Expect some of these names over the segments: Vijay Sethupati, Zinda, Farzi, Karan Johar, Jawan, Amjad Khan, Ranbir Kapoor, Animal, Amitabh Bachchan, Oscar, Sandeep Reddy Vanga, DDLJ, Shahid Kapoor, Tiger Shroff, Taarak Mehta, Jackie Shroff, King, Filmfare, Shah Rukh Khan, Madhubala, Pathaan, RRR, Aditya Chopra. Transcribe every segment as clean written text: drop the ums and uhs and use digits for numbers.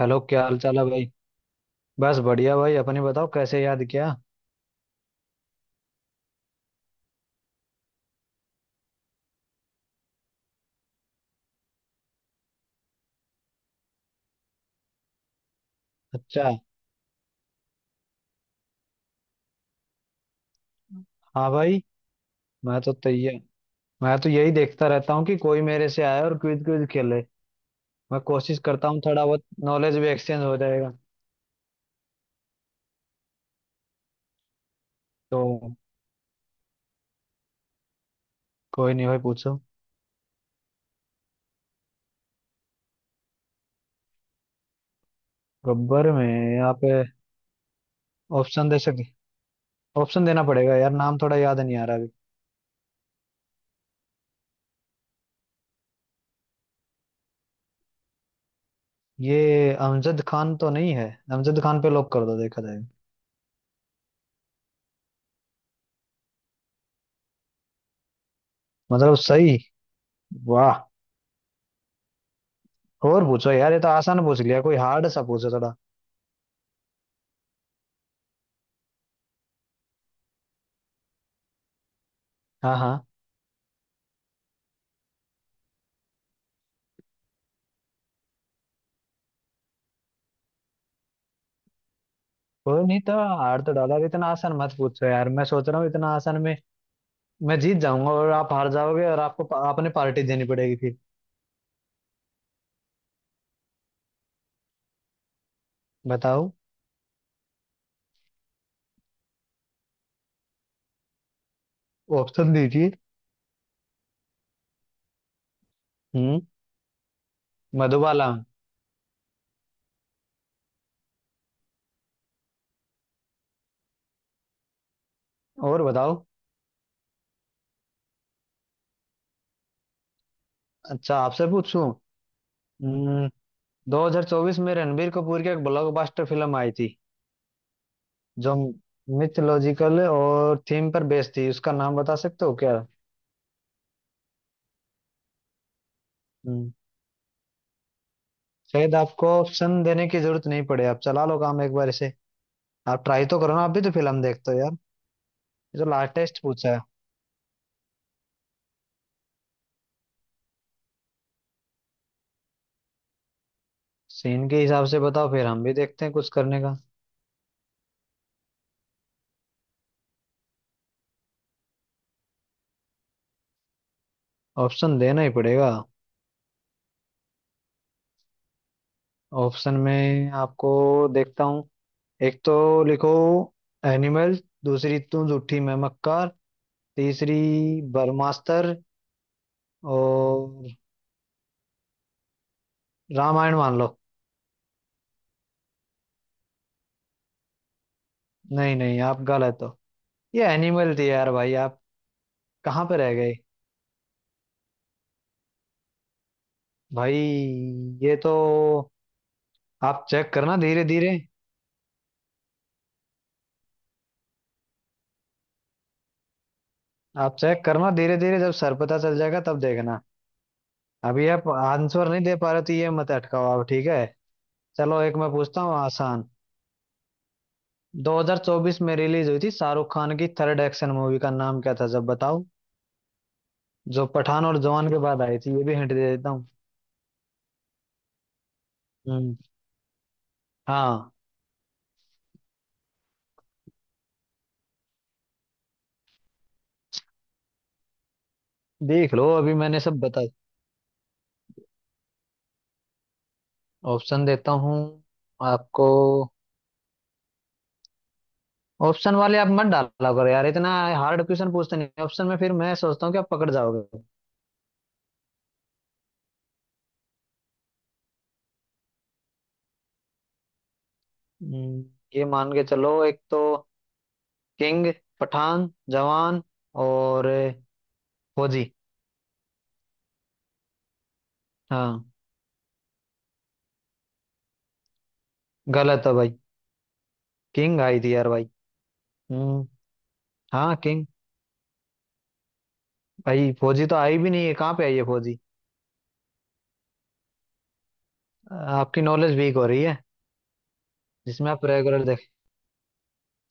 Hello क्या हाल चाल है भाई। बस बढ़िया भाई अपने बताओ कैसे याद किया। अच्छा। हाँ भाई। मैं तो तैयार। मैं तो यही देखता रहता हूँ कि कोई मेरे से आए और क्विज क्विज खेले। मैं कोशिश करता हूँ थोड़ा बहुत नॉलेज भी एक्सचेंज हो जाएगा। तो कोई नहीं भाई पूछो। गब्बर में। यहाँ पे। ऑप्शन दे सके। ऑप्शन देना पड़ेगा यार, नाम थोड़ा याद नहीं आ रहा अभी। ये अमजद खान तो नहीं है। अमजद खान पे लॉक कर दो, देखा जाएगा। मतलब सही। वाह। और पूछो यार, ये तो आसान पूछ लिया, कोई हार्ड सा पूछो थोड़ा। हाँ हाँ। कोई नहीं, तो हार तो डाला। अब इतना आसान मत पूछो यार, मैं सोच रहा हूँ इतना आसान में मैं जीत जाऊंगा और आप हार जाओगे और आपको आपने पार्टी देनी पड़ेगी फिर। बताओ। ऑप्शन दीजिए। हम्म। मधुबाला। और बताओ। अच्छा, आपसे पूछूं। हम्म 2024 में रणबीर कपूर की एक ब्लॉकबस्टर फिल्म आई थी जो मिथोलॉजिकल और थीम पर बेस्ड थी, उसका नाम बता सकते हो क्या। हम्म। शायद आपको ऑप्शन देने की जरूरत नहीं पड़े, आप चला लो काम एक बार इसे। आप ट्राई तो करो ना, आप भी तो फिल्म देखते हो यार। ये तो लास्ट टेस्ट पूछा है। सीन के हिसाब से बताओ, फिर हम भी देखते हैं कुछ करने का। ऑप्शन देना ही पड़ेगा। ऑप्शन में आपको देखता हूँ। एक तो लिखो, एनिमल। दूसरी, तू झूठी मैं मक्कार। तीसरी, बर्मास्तर। और रामायण मान लो। नहीं नहीं, आप गलत हो। ये एनिमल थी यार भाई। आप कहाँ पे रह गए। भाई, ये तो। आप चेक करना धीरे धीरे। आप चेक करना धीरे धीरे, जब सर पता चल जाएगा तब देखना। अभी आप आंसर नहीं दे पा रहे तो ये मत अटकाओ आप, ठीक है। चलो एक मैं पूछता हूँ आसान। 2024 में रिलीज हुई थी शाहरुख खान की थर्ड एक्शन मूवी, का नाम क्या था जब बताओ। जो पठान और जवान के बाद आई थी, ये भी हिंट दे देता हूँ। हम्म। हाँ। देख लो अभी मैंने सब बता। ऑप्शन देता हूँ आपको। ऑप्शन वाले आप मत डाला करो यार इतना, हार्ड क्वेश्चन पूछते नहीं ऑप्शन में, फिर मैं सोचता हूँ कि आप पकड़ जाओगे। हम्म, ये मान के चलो। एक तो किंग, पठान, जवान और फौजी। हाँ। गलत है भाई, किंग आई थी यार भाई। हम्म। हाँ किंग। भाई फौजी तो आई भी नहीं है, कहाँ पे आई है फौजी। आपकी नॉलेज वीक हो रही है। जिसमें आप रेगुलर देख।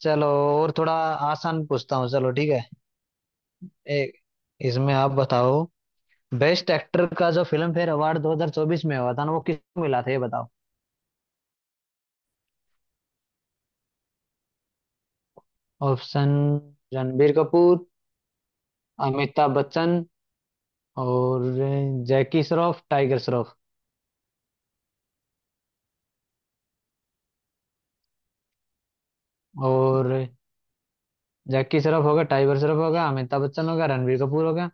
चलो और थोड़ा आसान पूछता हूँ, चलो ठीक है। एक। इसमें आप बताओ। बेस्ट एक्टर का जो फिल्म फेयर अवार्ड 2024 में हुआ था ना, वो किसको मिला था ये बताओ। ऑप्शन। रणबीर कपूर। अमिताभ बच्चन। और जैकी श्रॉफ, टाइगर श्रॉफ। और जैकी श्रॉफ हो गया, टाइगर श्रॉफ हो गया, अमिताभ बच्चन हो गया, रणबीर कपूर हो गया।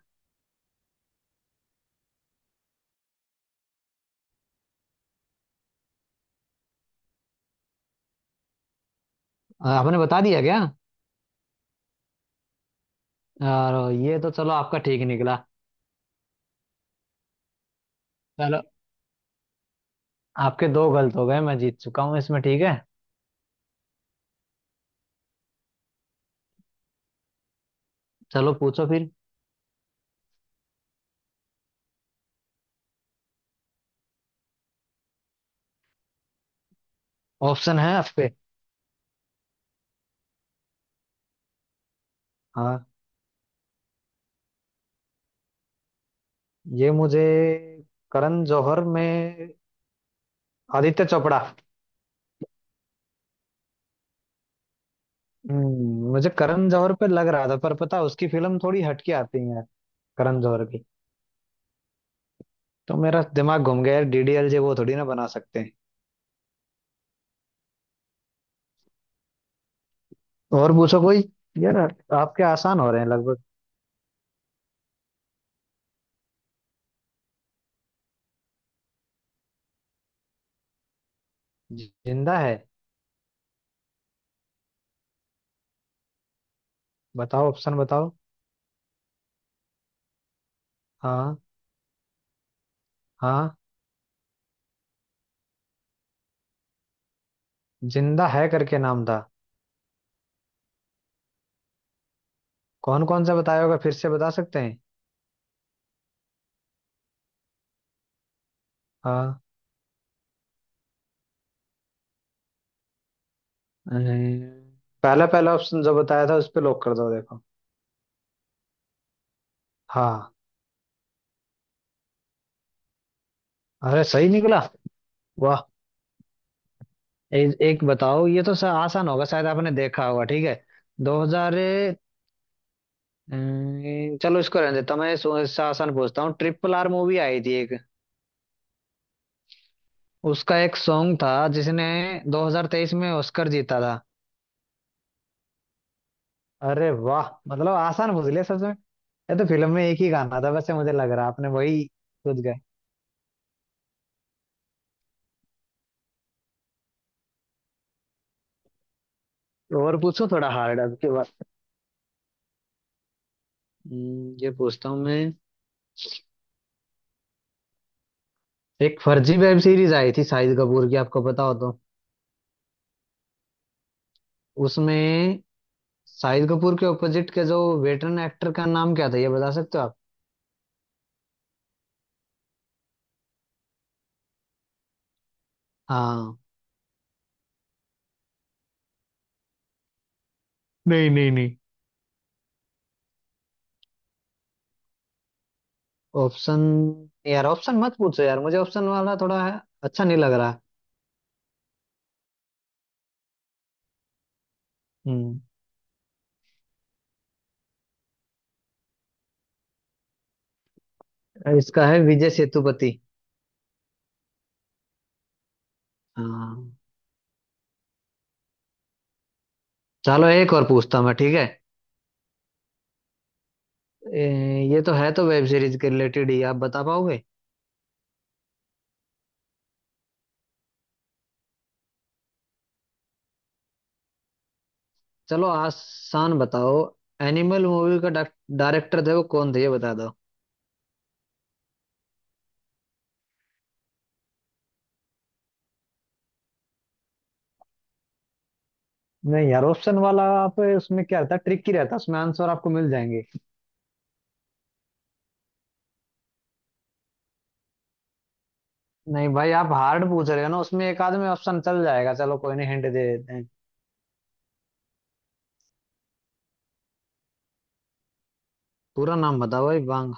आपने बता दिया क्या। और ये तो चलो आपका ठीक निकला। चलो, आपके दो गलत हो गए, मैं जीत चुका हूँ इसमें, ठीक है। चलो पूछो फिर। ऑप्शन है आपके। हाँ। ये मुझे। करण जौहर में आदित्य चोपड़ा। मुझे करण जौहर पे लग रहा था, पर पता उसकी फिल्म थोड़ी हटके आती है यार, करण जौहर की। तो मेरा दिमाग घूम गया यार, डीडीएलजे वो थोड़ी ना बना सकते हैं। और पूछो कोई यार, आपके आसान हो रहे हैं लगभग। जिंदा है। बताओ ऑप्शन बताओ। हाँ। हाँ जिंदा है करके नाम था। कौन कौन सा बताया होगा, फिर से बता सकते हैं। हाँ। अम्म, पहला पहला ऑप्शन जो बताया था, उस पे लॉक कर दो देखो। हाँ। अरे सही निकला। वाह। एक बताओ, ये तो आसान होगा, शायद आपने देखा होगा, ठीक है। 2000। चलो इसको रहने देता हूं। मैं इससे आसान पूछता हूँ। ट्रिपल आर मूवी आई थी एक, उसका एक सॉन्ग था जिसने 2023 में ऑस्कर जीता था। अरे वाह, मतलब आसान पूछ लिया सच में। ये तो फिल्म में एक ही गाना था, वैसे मुझे लग रहा आपने वही सोच गए। और पूछो थोड़ा हार्ड अब के बाद। ये पूछता हूँ मैं। एक फर्जी वेब सीरीज आई थी शाहिद कपूर की, आपको पता हो तो। उसमें शाहिद कपूर के ऑपोजिट के जो वेटरन एक्टर, का नाम क्या था ये बता सकते हो आप। हाँ। नहीं नहीं नहीं। ऑप्शन। यार ऑप्शन मत पूछो यार, मुझे ऑप्शन वाला थोड़ा अच्छा नहीं लग रहा। हम्म। इसका है विजय सेतुपति। हाँ। चलो एक और पूछता हूँ मैं, ठीक है। ये तो है तो वेब सीरीज के रिलेटेड ही, आप बता पाओगे। चलो आसान बताओ। एनिमल मूवी का डायरेक्टर थे वो कौन थे, ये बता दो। नहीं यार, ऑप्शन वाला आप उसमें क्या रहता है, ट्रिक ही रहता है उसमें, आंसर आपको मिल जाएंगे। नहीं भाई, आप हार्ड पूछ रहे हो ना, उसमें एक आदमी ऑप्शन चल जाएगा। चलो कोई नहीं, हिंट दे देते हैं। पूरा नाम बताओ भाई, वांग।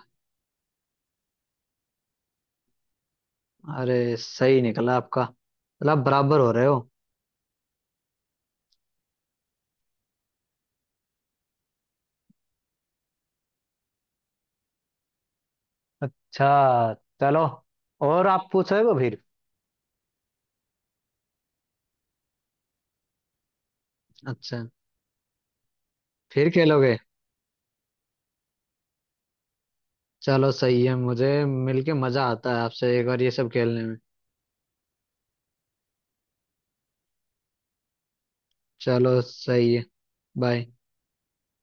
अरे सही निकला आपका। मतलब आप बराबर हो रहे हो। अच्छा। चलो। और आप पूछोगे फिर। अच्छा। फिर खेलोगे। चलो सही है, मुझे मिलके मजा आता है आपसे एक बार ये सब खेलने में। चलो सही है। बाय।